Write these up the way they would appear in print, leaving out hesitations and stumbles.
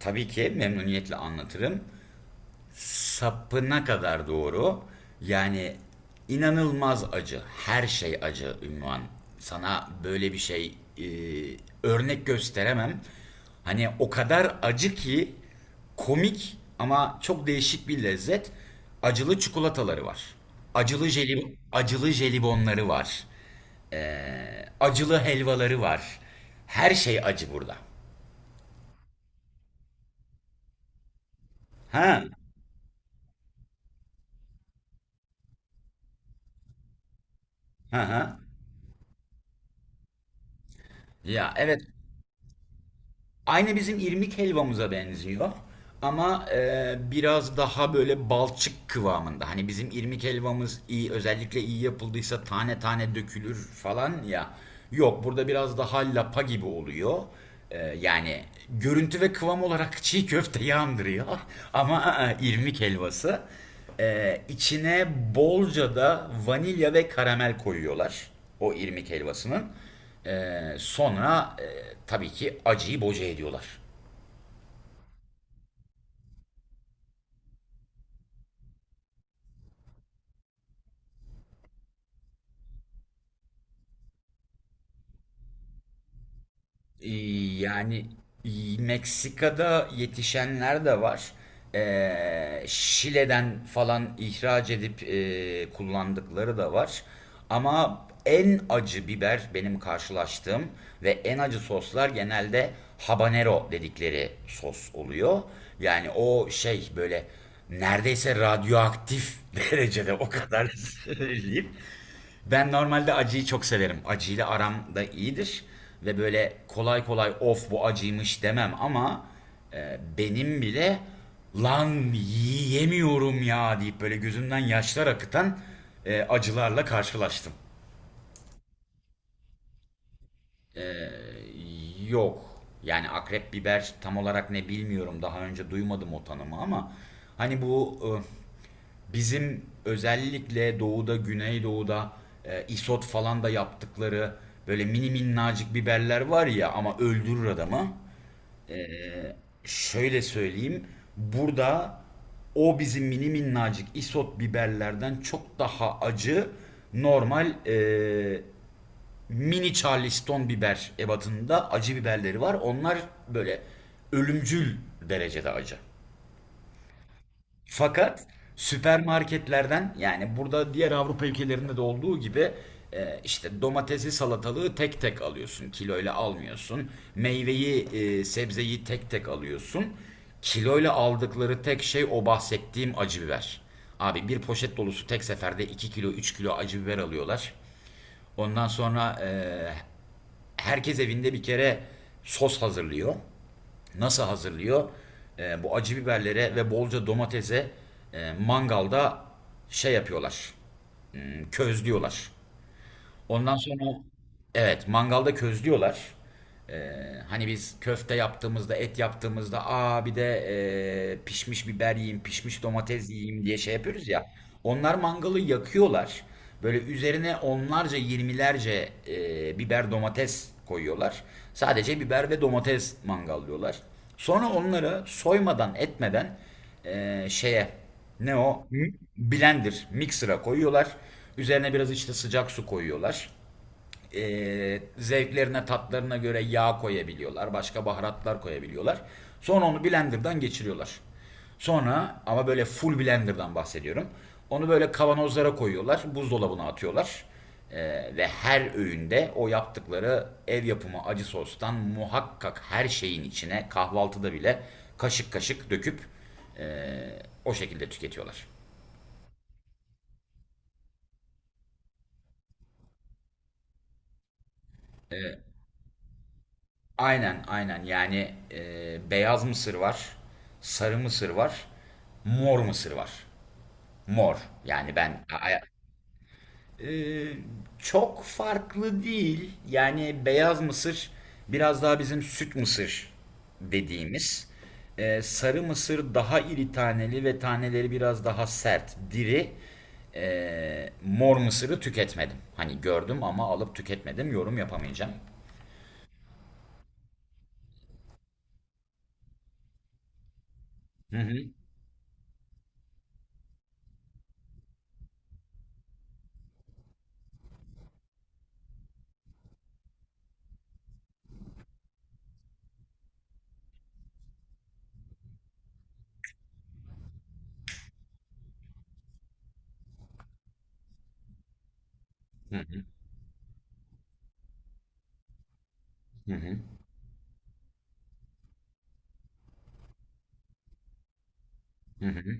Tabii ki memnuniyetle anlatırım. Sapına kadar doğru. Yani inanılmaz acı. Her şey acı ünvan. Sana böyle bir şey örnek gösteremem. Hani o kadar acı ki komik ama çok değişik bir lezzet. Acılı çikolataları var. Acılı jeli, acılı jelibonları var. Acılı helvaları var. Her şey acı burada. Ha, ha, ha. Ya evet, aynı bizim irmik helvamıza benziyor. Ama biraz daha böyle balçık kıvamında. Hani bizim irmik helvamız iyi, özellikle iyi yapıldıysa tane tane dökülür falan ya. Yok, burada biraz daha lapa gibi oluyor. Yani görüntü ve kıvam olarak çiğ köfte andırıyor. Ama irmik helvası. E, içine bolca da vanilya ve karamel koyuyorlar. O irmik helvasının. E, sonra tabii ki acıyı boca ediyorlar. Ee, Yani Meksika'da yetişenler de var. Şile'den falan ihraç edip kullandıkları da var. Ama en acı biber benim karşılaştığım ve en acı soslar genelde habanero dedikleri sos oluyor. Yani o şey böyle neredeyse radyoaktif derecede o kadar söyleyeyim. Ben normalde acıyı çok severim. Acıyla aram da iyidir. Ve böyle kolay kolay of bu acıymış demem ama benim bile lan yiyemiyorum ya deyip böyle gözümden yaşlar akıtan acılarla karşılaştım. Yok. Yani akrep biber tam olarak ne bilmiyorum. Daha önce duymadım o tanımı ama hani bu bizim özellikle doğuda, güneydoğuda isot falan da yaptıkları böyle mini minnacık biberler var ya ama öldürür adamı. Şöyle söyleyeyim. Burada o bizim mini minnacık isot biberlerden çok daha acı, normal mini Charleston biber ebatında acı biberleri var. Onlar böyle ölümcül derecede acı. Fakat süpermarketlerden, yani burada diğer Avrupa ülkelerinde de olduğu gibi işte domatesi salatalığı tek tek alıyorsun. Kiloyla almıyorsun. Meyveyi sebzeyi tek tek alıyorsun. Kiloyla aldıkları tek şey o bahsettiğim acı biber. Abi bir poşet dolusu tek seferde 2 kilo 3 kilo acı biber alıyorlar. Ondan sonra herkes evinde bir kere sos hazırlıyor. Nasıl hazırlıyor? Bu acı biberlere ve bolca domatese mangalda şey yapıyorlar. Hmm, közlüyorlar. Ondan sonra evet, mangalda közlüyorlar. Ee, Hani biz köfte yaptığımızda, et yaptığımızda aa bir de pişmiş biber yiyeyim, pişmiş domates yiyeyim diye şey yapıyoruz ya. Onlar mangalı yakıyorlar. Böyle üzerine onlarca, yirmilerce biber domates koyuyorlar. Sadece biber ve domates mangallıyorlar. Sonra onları soymadan, etmeden şeye ne o? Blender, mixer'a koyuyorlar. Üzerine biraz işte sıcak su koyuyorlar, zevklerine tatlarına göre yağ koyabiliyorlar. Başka baharatlar koyabiliyorlar. Sonra onu blenderdan geçiriyorlar. Sonra ama böyle full blenderdan bahsediyorum. Onu böyle kavanozlara koyuyorlar. Buzdolabına atıyorlar. E, ve her öğünde o yaptıkları ev yapımı acı sostan muhakkak her şeyin içine kahvaltıda bile kaşık kaşık döküp e, o şekilde tüketiyorlar. Aynen aynen, yani beyaz mısır var, sarı mısır var, mor mısır var. Mor, yani ben e, çok farklı değil, yani beyaz mısır biraz daha bizim süt mısır dediğimiz. Sarı mısır daha iri taneli ve taneleri biraz daha sert, diri. Mor mısırı tüketmedim. Hani gördüm ama alıp tüketmedim, yorum yapamayacağım. Hı hı.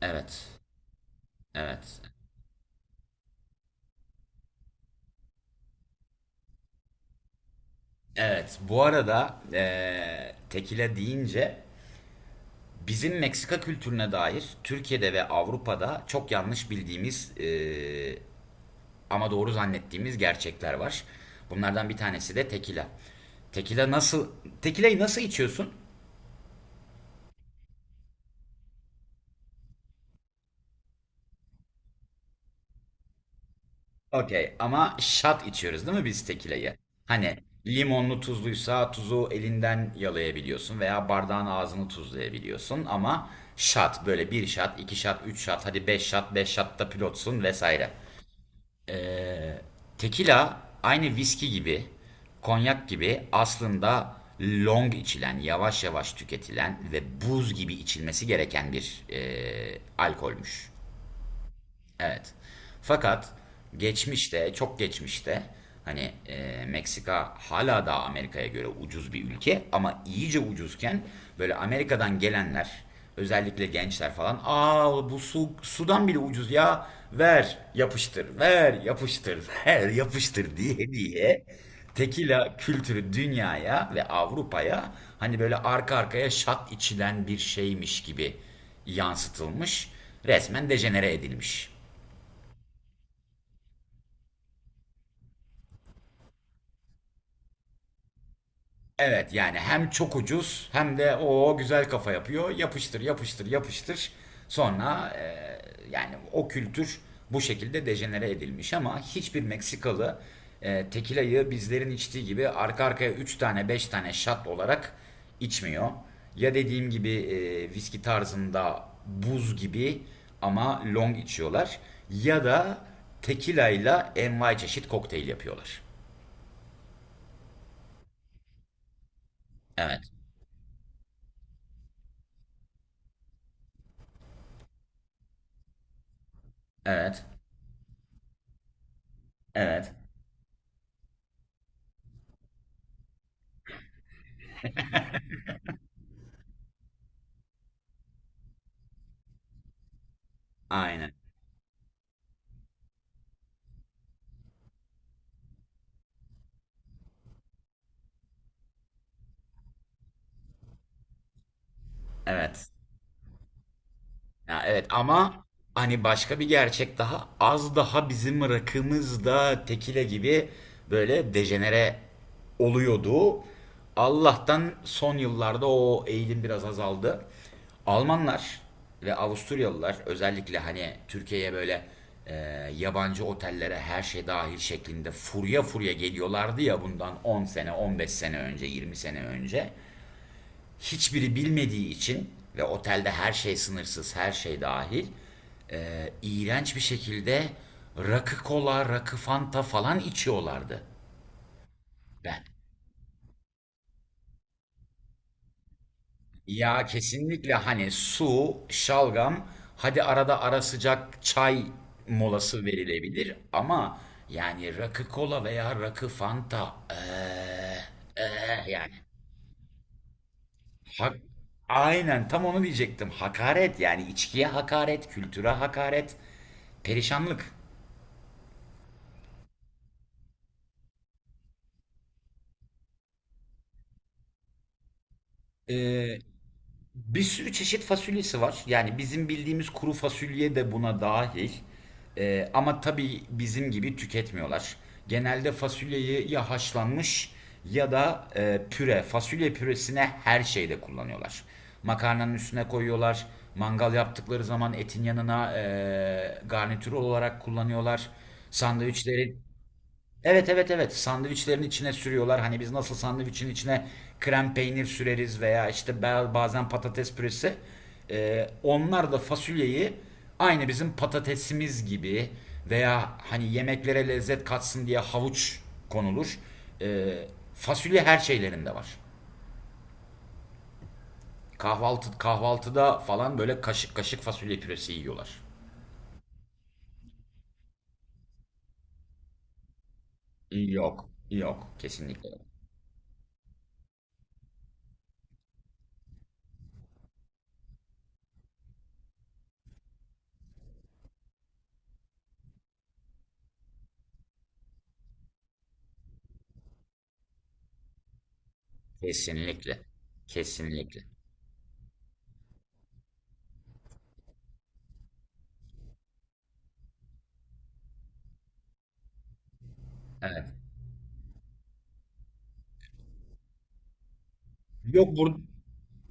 Evet. Evet. Evet, bu arada tekile deyince bizim Meksika kültürüne dair Türkiye'de ve Avrupa'da çok yanlış bildiğimiz ama doğru zannettiğimiz gerçekler var. Bunlardan bir tanesi de tekila. Tekila nasıl tekilayı nasıl içiyorsun? Okey, ama şat içiyoruz değil mi biz tekileyi? Hani limonlu tuzluysa tuzu elinden yalayabiliyorsun veya bardağın ağzını tuzlayabiliyorsun ama şat böyle bir şat, iki şat, üç şat, hadi beş şat, beş şatta pilotsun vesaire. Tekila aynı viski gibi, konyak gibi aslında long içilen, yavaş yavaş tüketilen ve buz gibi içilmesi gereken bir alkolmüş. Evet. Fakat geçmişte, çok geçmişte, hani Meksika hala daha Amerika'ya göre ucuz bir ülke ama iyice ucuzken böyle Amerika'dan gelenler özellikle gençler falan aa bu su sudan bile ucuz ya, ver yapıştır ver yapıştır ver yapıştır diye diye tekila kültürü dünyaya ve Avrupa'ya hani böyle arka arkaya şat içilen bir şeymiş gibi yansıtılmış, resmen dejenere edilmiş. Evet, yani hem çok ucuz hem de o güzel kafa yapıyor. Yapıştır, yapıştır, yapıştır. Sonra yani o kültür bu şekilde dejenere edilmiş ama hiçbir Meksikalı tekila'yı bizlerin içtiği gibi arka arkaya 3 tane 5 tane shot olarak içmiyor. Ya, dediğim gibi, viski tarzında buz gibi ama long içiyorlar, ya da tekila ile envai çeşit kokteyl yapıyorlar. Evet. Evet. Evet. Aynen. Evet. Ya evet, ama hani başka bir gerçek daha az daha bizim rakımızda tekile gibi böyle dejenere oluyordu. Allah'tan son yıllarda o eğilim biraz azaldı. Almanlar ve Avusturyalılar özellikle hani Türkiye'ye böyle e, yabancı otellere her şey dahil şeklinde furya furya geliyorlardı ya bundan 10 sene, 15 sene önce, 20 sene önce hiçbiri bilmediği için ve otelde her şey sınırsız, her şey dahil, iğrenç bir şekilde rakı kola, rakı fanta falan içiyorlardı. Ben. Ya kesinlikle, hani su, şalgam, hadi arada ara sıcak çay molası verilebilir ama yani rakı kola veya rakı fanta yani. Hak, aynen tam onu diyecektim. Hakaret, yani içkiye hakaret, kültüre hakaret, perişanlık. Ee, Bir sürü çeşit fasulyesi var. Yani bizim bildiğimiz kuru fasulye de buna dahil. Ama tabii bizim gibi tüketmiyorlar. Genelde fasulyeyi ya haşlanmış ya da püre, fasulye püresine her şeyde kullanıyorlar. Makarnanın üstüne koyuyorlar. Mangal yaptıkları zaman etin yanına garnitür olarak kullanıyorlar. Sandviçleri, evet evet evet, sandviçlerin içine sürüyorlar. Hani biz nasıl sandviçin içine krem peynir süreriz veya işte bazen patates püresi. Onlar da fasulyeyi aynı bizim patatesimiz gibi veya hani yemeklere lezzet katsın diye havuç konulur. Ee, Fasulye her şeylerinde var. Kahvaltıda falan böyle kaşık kaşık fasulye püresi yiyorlar. Yok, yok, kesinlikle. Kesinlikle. Kesinlikle. Evet. Yok bur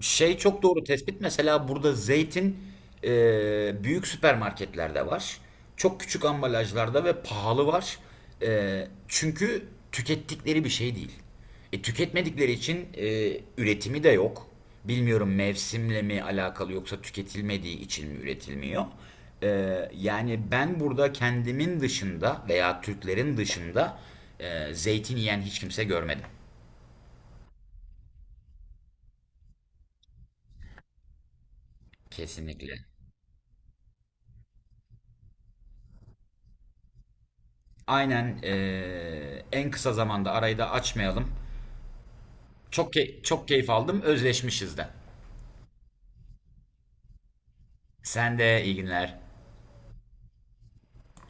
Şey, çok doğru tespit. Mesela burada zeytin büyük süpermarketlerde var. Çok küçük ambalajlarda ve pahalı var. Çünkü tükettikleri bir şey değil. Tüketmedikleri için üretimi de yok. Bilmiyorum, mevsimle mi alakalı yoksa tüketilmediği için mi üretilmiyor. E, Yani ben burada kendimin dışında veya Türklerin dışında zeytin yiyen hiç kimse görmedim. Kesinlikle. Aynen, en kısa zamanda arayı da açmayalım. Çok keyif aldım. Özleşmişiz de. Sen de iyi günler.